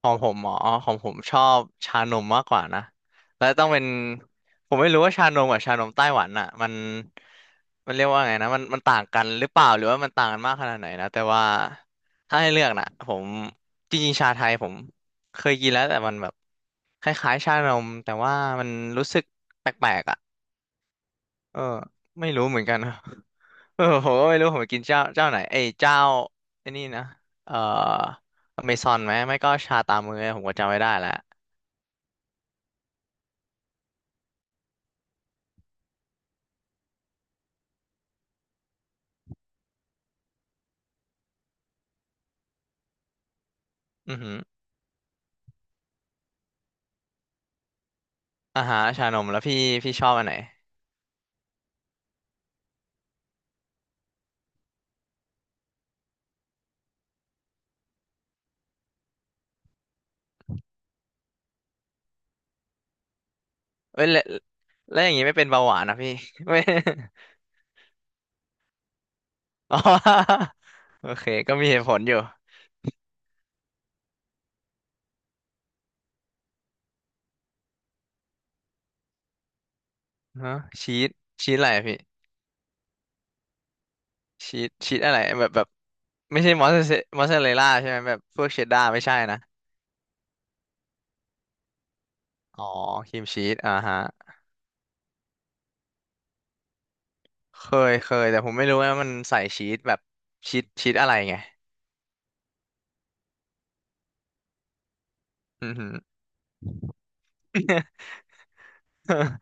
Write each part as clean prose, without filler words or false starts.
ของผมหมอของผมชอบชานมมากกว่านะแล้วต้องเป็นผมไม่รู้ว่าชานมกับชานมไต้หวันอ่ะมันเรียกว่าไงนะมันต่างกันหรือเปล่าหรือว่ามันต่างกันมากขนาดไหนนะแต่ว่าถ้าให้เลือกนะผมจริงๆชาไทยผมเคยกินแล้วแต่มันแบบคล้ายๆชานมแต่ว่ามันรู้สึกแปลกๆอ่ะเออไม่รู้เหมือนกันนะเออผมก็ไม่รู้ผมไปกินเจ้าไหนเอ้ยเจ้าไอ้นี่นะเอ่ออเมซอนไหมไม่ก็ชาตามมือผมก็จำไม่ได้แล้ว อือหืออาหารชานมแล้วพี่พี่ชอบอันไหนเอ้ยแล้วแล้วอย่างงี้ไม่เป็นเบาหวานนะพี่ ไม่อ๋อ โอเคก็มีเหตุผลอยู่ฮะชีสชีสอะไรอะพี่ชีสอะไรแบบไม่ใช่มอสซาเรลล่าใช่ไหมแบบพวกเชดดาร์ไม่ใช่นะอ๋อครีมชีสอ่าฮะเคเคยแต่ผมไม่รู้ว่ามันใส่ชีสแบบชีสอะไรไงอือหือ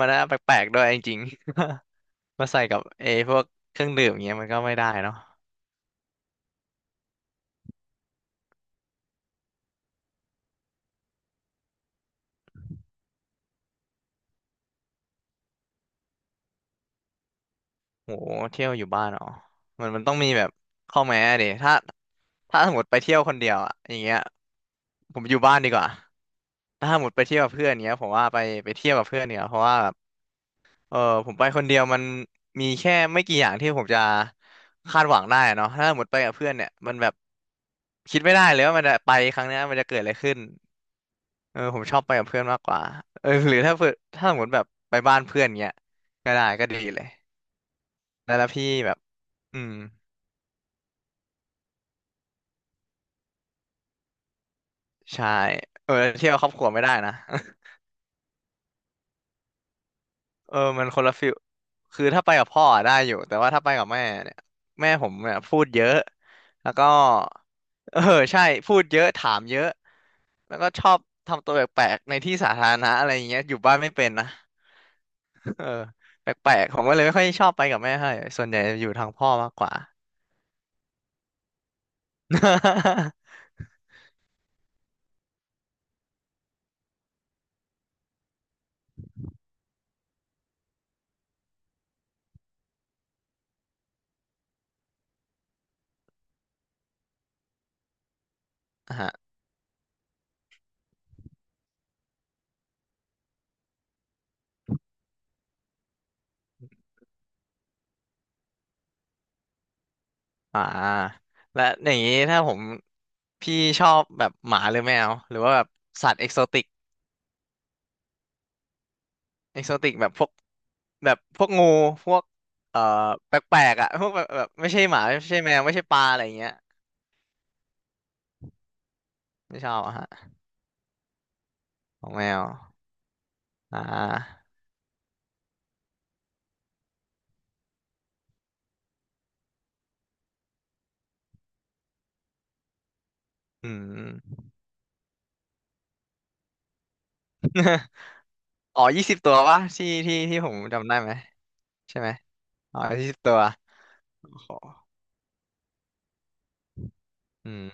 มันน่าแปลกๆด้วยจริงๆ มาใส่กับเอพวกเครื่องดื่มอย่างเงี้ยมันก็ไม่ได้เนาะ โหเที่ยวอยู่บ้านเหรอมันต้องมีแบบข้อแม้ดิถ้าถ้าสมมติไปเที่ยวคนเดียวอะอย่างเงี้ยผมอยู่บ้านดีกว่าถ้าสมมติไปเที่ยวกับเพื่อนเงี้ยผมว่าไปไปเที่ยวกับเพื่อนเนี่ยเพราะว่าแบบเออผมไปคนเดียวมันมีแค่ไม่กี่อย่างที่ผมจะคาดหวังได้อะเนาะถ้าสมมติไปกับเพื่อนเนี่ยมันแบบคิดไม่ได้เลยว่ามันจะไปครั้งเนี้ยมันจะเกิดอะไรขึ้นเออผมชอบไปกับเพื่อนมากกว่าเออ หรือถ้าเพื่อนถ้าสมมติแบบไปบ้านเพื่อนเงี้ยก็ได้ก็ดีเลยแล้วแล้วพี่แบบอืม ใช่เออเที่ยวครอบครัวไม่ได้นะ เออมันคนละฟิลคือถ้าไปกับพ่ออะได้อยู่แต่ว่าถ้าไปกับแม่เนี่ยแม่ผมเนี่ยพูดเยอะแล้วก็ เออใช่พูดเยอะถามเยอะแล้วก็ชอบทำตัวแปลกๆในที่สาธารณะอะไรอย่างเงี้ยอยู่บ้านไม่เป็นนะ เออแปลกๆผมก็เลยไม่ค่อยชอบไปกับแม่ให้ส่วนใหญ่จะอยู่ทางพ่อมากกว่า อ่ะอ่าและอย่างนี้ถ้าผมพี่ชอบแบบหมาหรือแมวหรือว่าแบบสัตว์เอกโซติก เอกโซติกแบบพวกแบบพวกงูพวกเอ่อแปลกๆอ่ะ พวกแบบไม่ใช่หมาไม่ใช่แมวไม่ใช่ปลาอะไรอย่างเงี้ยไม่ชอบอะฮะของแมวอ่าอืม อ๋อยี่สิบตัววะที่ผมจำได้ไหมใช่ไหมอ๋อยี่สิบตัวอืม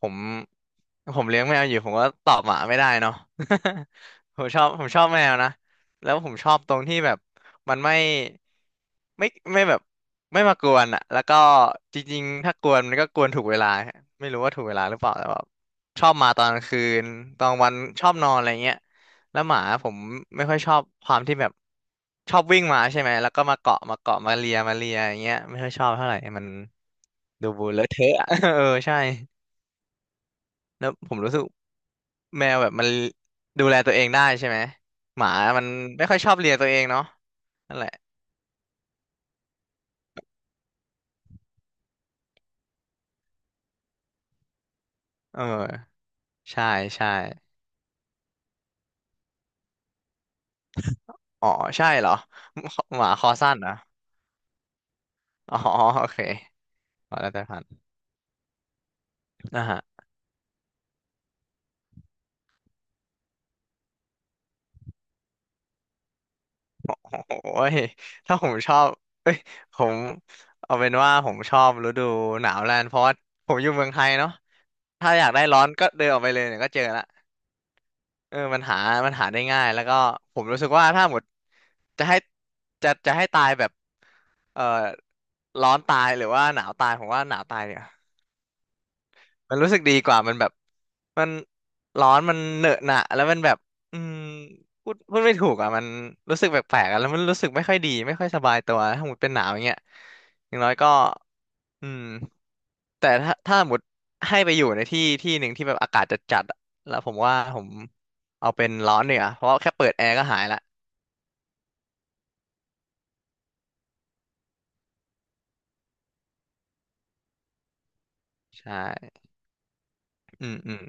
ผม ผมเลี้ยงแมวอยู่ผมก็ตอบหมาไม่ได้เนาะ ผมชอบแมวนะแล้วผมชอบตรงที่แบบมันไม่ไม่แบบไม่มากวนอ่ะแล้วก็จริงๆถ้ากวนมันก็กวนถูกเวลาไม่รู้ว่าถูกเวลาหรือเปล่าแต่แบบชอบมาตอนกลางคืนตอนวันชอบนอนอะไรเงี้ยแล้วหมาผมไม่ค่อยชอบความที่แบบชอบวิ่งมาใช่ไหมแล้วก็มาเกาะมาเลียอย่างเงี้ยไม่ค่อยชอบเท่าไหร่มันดูเลอะเทอะอะ เออใช่แล้วผมรู้สึก แมวแบบมันดูแลตัวเองได้ใช่ไหมหมามันไม่ค่อยชอบเลียตัวเองเนาะนั่นแหละเออใช่ใช่อ๋อใช่เหรอหมาคอสั้นเหรออ๋อโอเคขอแล้วแต่พันธุ์นะฮะโอ้ยถ้าผมชอบเอ้ยผมเอาเป็นว่าผมชอบฤดูหนาวแล้วกันเพราะว่าผมอยู่เมืองไทยเนาะถ้าอยากได้ร้อนก็เดินออกไปเลยเนี่ยก็เจอละ เออมันหาได้ง่ายแล้วก็ผมรู้สึกว่าถ้าหมดจะให้จะให้ตายแบบเอ่อร้อนตายหรือว่าหนาวตายผมว่าหนาวตายเนี่ย มันรู้สึกดีกว่ามันแบบมันร้อนมันเหนอะหนะแล้วมันแบบอืมพูดไม่ถูกอ่ะมันรู้สึกแปลกๆอ่ะแล้วมันรู้สึกไม่ค่อยดีไม่ค่อยสบายตัวถ้าหมดเป็นหนาวอย่างเงี้ยอย่างน้อยก็อืมแต่ถ้าถ้าหมดให้ไปอยู่ในที่ที่หนึ่งที่แบบอากาศจัดจัดอะแล้วผมว่าผมเอาเป็นร้อนเนี่ยเพราะว่าแค่เปิดแอร์ก็หายละใช่อืมอืม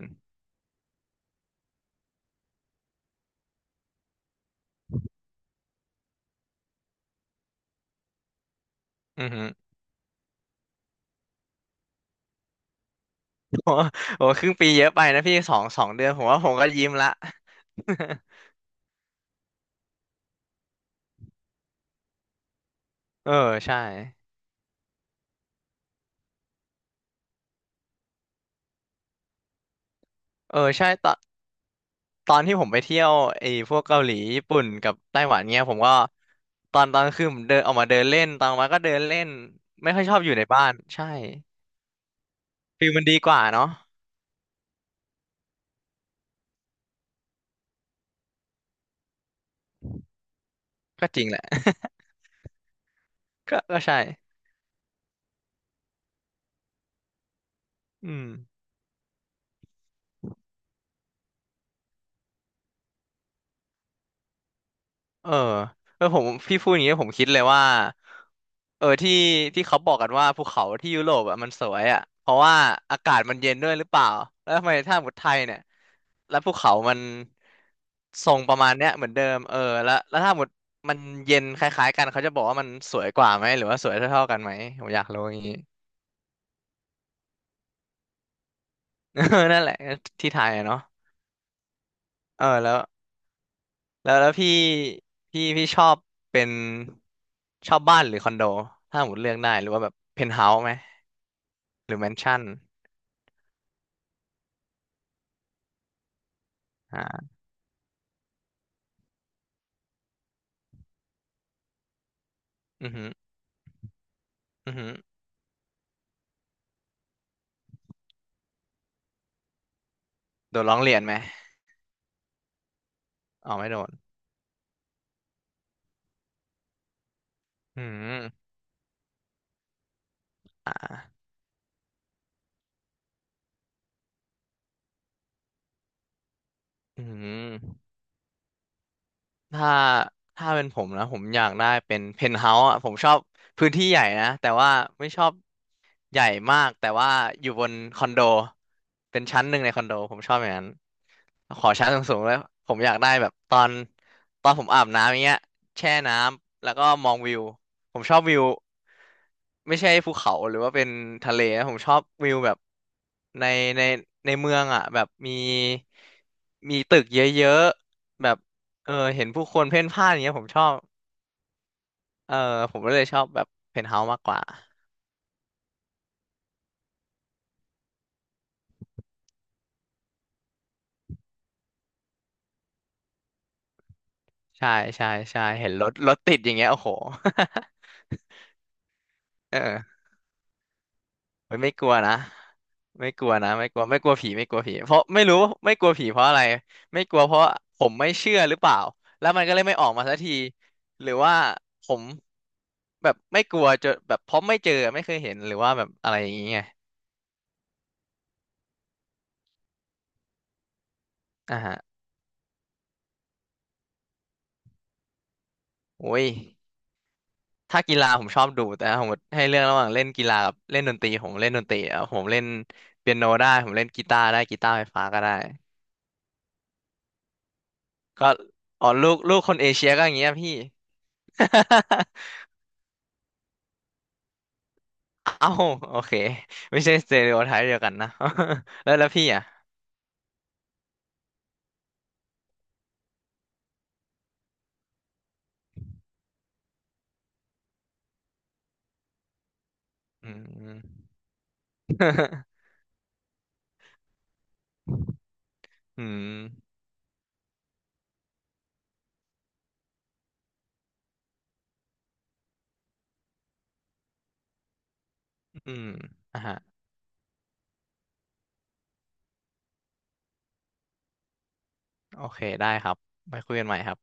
อืม โอ้โหครึ่งปีเยอะไปนะพี่สองเดือนผมว่าผมก็ยิ้มละ เออใช่เออใช่ต ตอนที่ผมไปเที่ยวไอ้พวกเกาหลีญี่ปุ่นกับไต้หวันเงี้ยผมก็ตอนคือผมเดินออกมาเดินเล่นตอนมาก็เดินเล่นไม่ค่อยชอบอยู่ในบ้านใช่ฟิลมันดีกว่าเนาะก็จริงแหละ ก็ใช่อืม เออเออผมพี่พูดอย่างนี้ผมคิดเลยว่าเออที่เขาบอกกันว่าภูเขาที่ยุโรปอ่ะมันสวยอ่ะเพราะว่าอากาศมันเย็นด้วยหรือเปล่าแล้วทำไมถ้าหมดไทยเนี่ยแล้วภูเขามันทรงประมาณเนี้ยเหมือนเดิมเออแล้วถ้าหมดมันเย็นคล้ายๆกันเขาจะบอกว่ามันสวยกว่าไหมหรือว่าสวยเท่าๆกันไหมผมอยากรู้อย่างนี้ นั่นแหละที่ไทยอะเนาะเออแล้ว แล้วพี่พี่ชอบเป็นชอบบ้านหรือคอนโดถ้าหมดเลือกได้หรือว่าแบบเพนท์เฮาส์ไหมหรือแมนชั่นอ่าอือหืออือหือโดนร้องเรียนไหมอ๋อไม่โดนอืมอหืออ่าอืม ถ้าถ้าเป็นผมนะผมอยากได้เป็นเพนท์เฮาส์อ่ะผมชอบพื้นที่ใหญ่นะแต่ว่าไม่ชอบใหญ่มากแต่ว่าอยู่บนคอนโดเป็นชั้นหนึ่งในคอนโดผมชอบอย่างนั้นขอชั้นสูงๆเลยผมอยากได้แบบตอนผมอาบน้ำอย่างเงี้ยแช่น้ำแล้วก็มองวิวผมชอบวิวไม่ใช่ภูเขาหรือว่าเป็นทะเลนะผมชอบวิวแบบในในในเมืองอ่ะแบบมีมีตึกเยอะๆแบบ เออเห็นผู้คนเพ่นพ่านอย่างเงี้ยผมชอบเออผมก็เลยชอบแบบเพนท์เฮาส์มากกว่าใช่ใช่ใช่เห็นรถติดอย่างเงี้ยโอ้โห เออไม่กลัวนะไม่กลัวนะไม่กลัวไม่กลัวผีไม่กลัวผีเพราะไม่รู้ไม่กลัวผีเพราะอะไรไม่กลัวเพราะผมไม่เชื่อหรือเปล่าแล้วมันก็เลยไม่ออกมาสักทีหรือว่าผมแบบไม่กลัวจนแบบเพราะไม่เจอไม่เคยเห็นหรือว่าแบบอะไรอย่างเงี้ยอ่าฮะโอ้ย ถ้ากีฬาผมชอบดูแต่ถ้าผมให้เลือกระหว่างเล่นกีฬากับเล่นดนตรีผมเล่นดนตรีอ่ะผมเล่นเปียโนได้ผมเล่นกีตาร์ได้กีตาร์ไฟฟ้าก็ได้ก็อ๋อลูกคนเอเชียก็อย่างเงี้ยพี่ เอ้าโอเคไม่ใช่สเตอริโอไทป์เดียวกันนะ แล้วพี่อ่ะอืม อืมอืมอ่ะฮะโอเคได้ครับไปคุยกันใหม่ครับ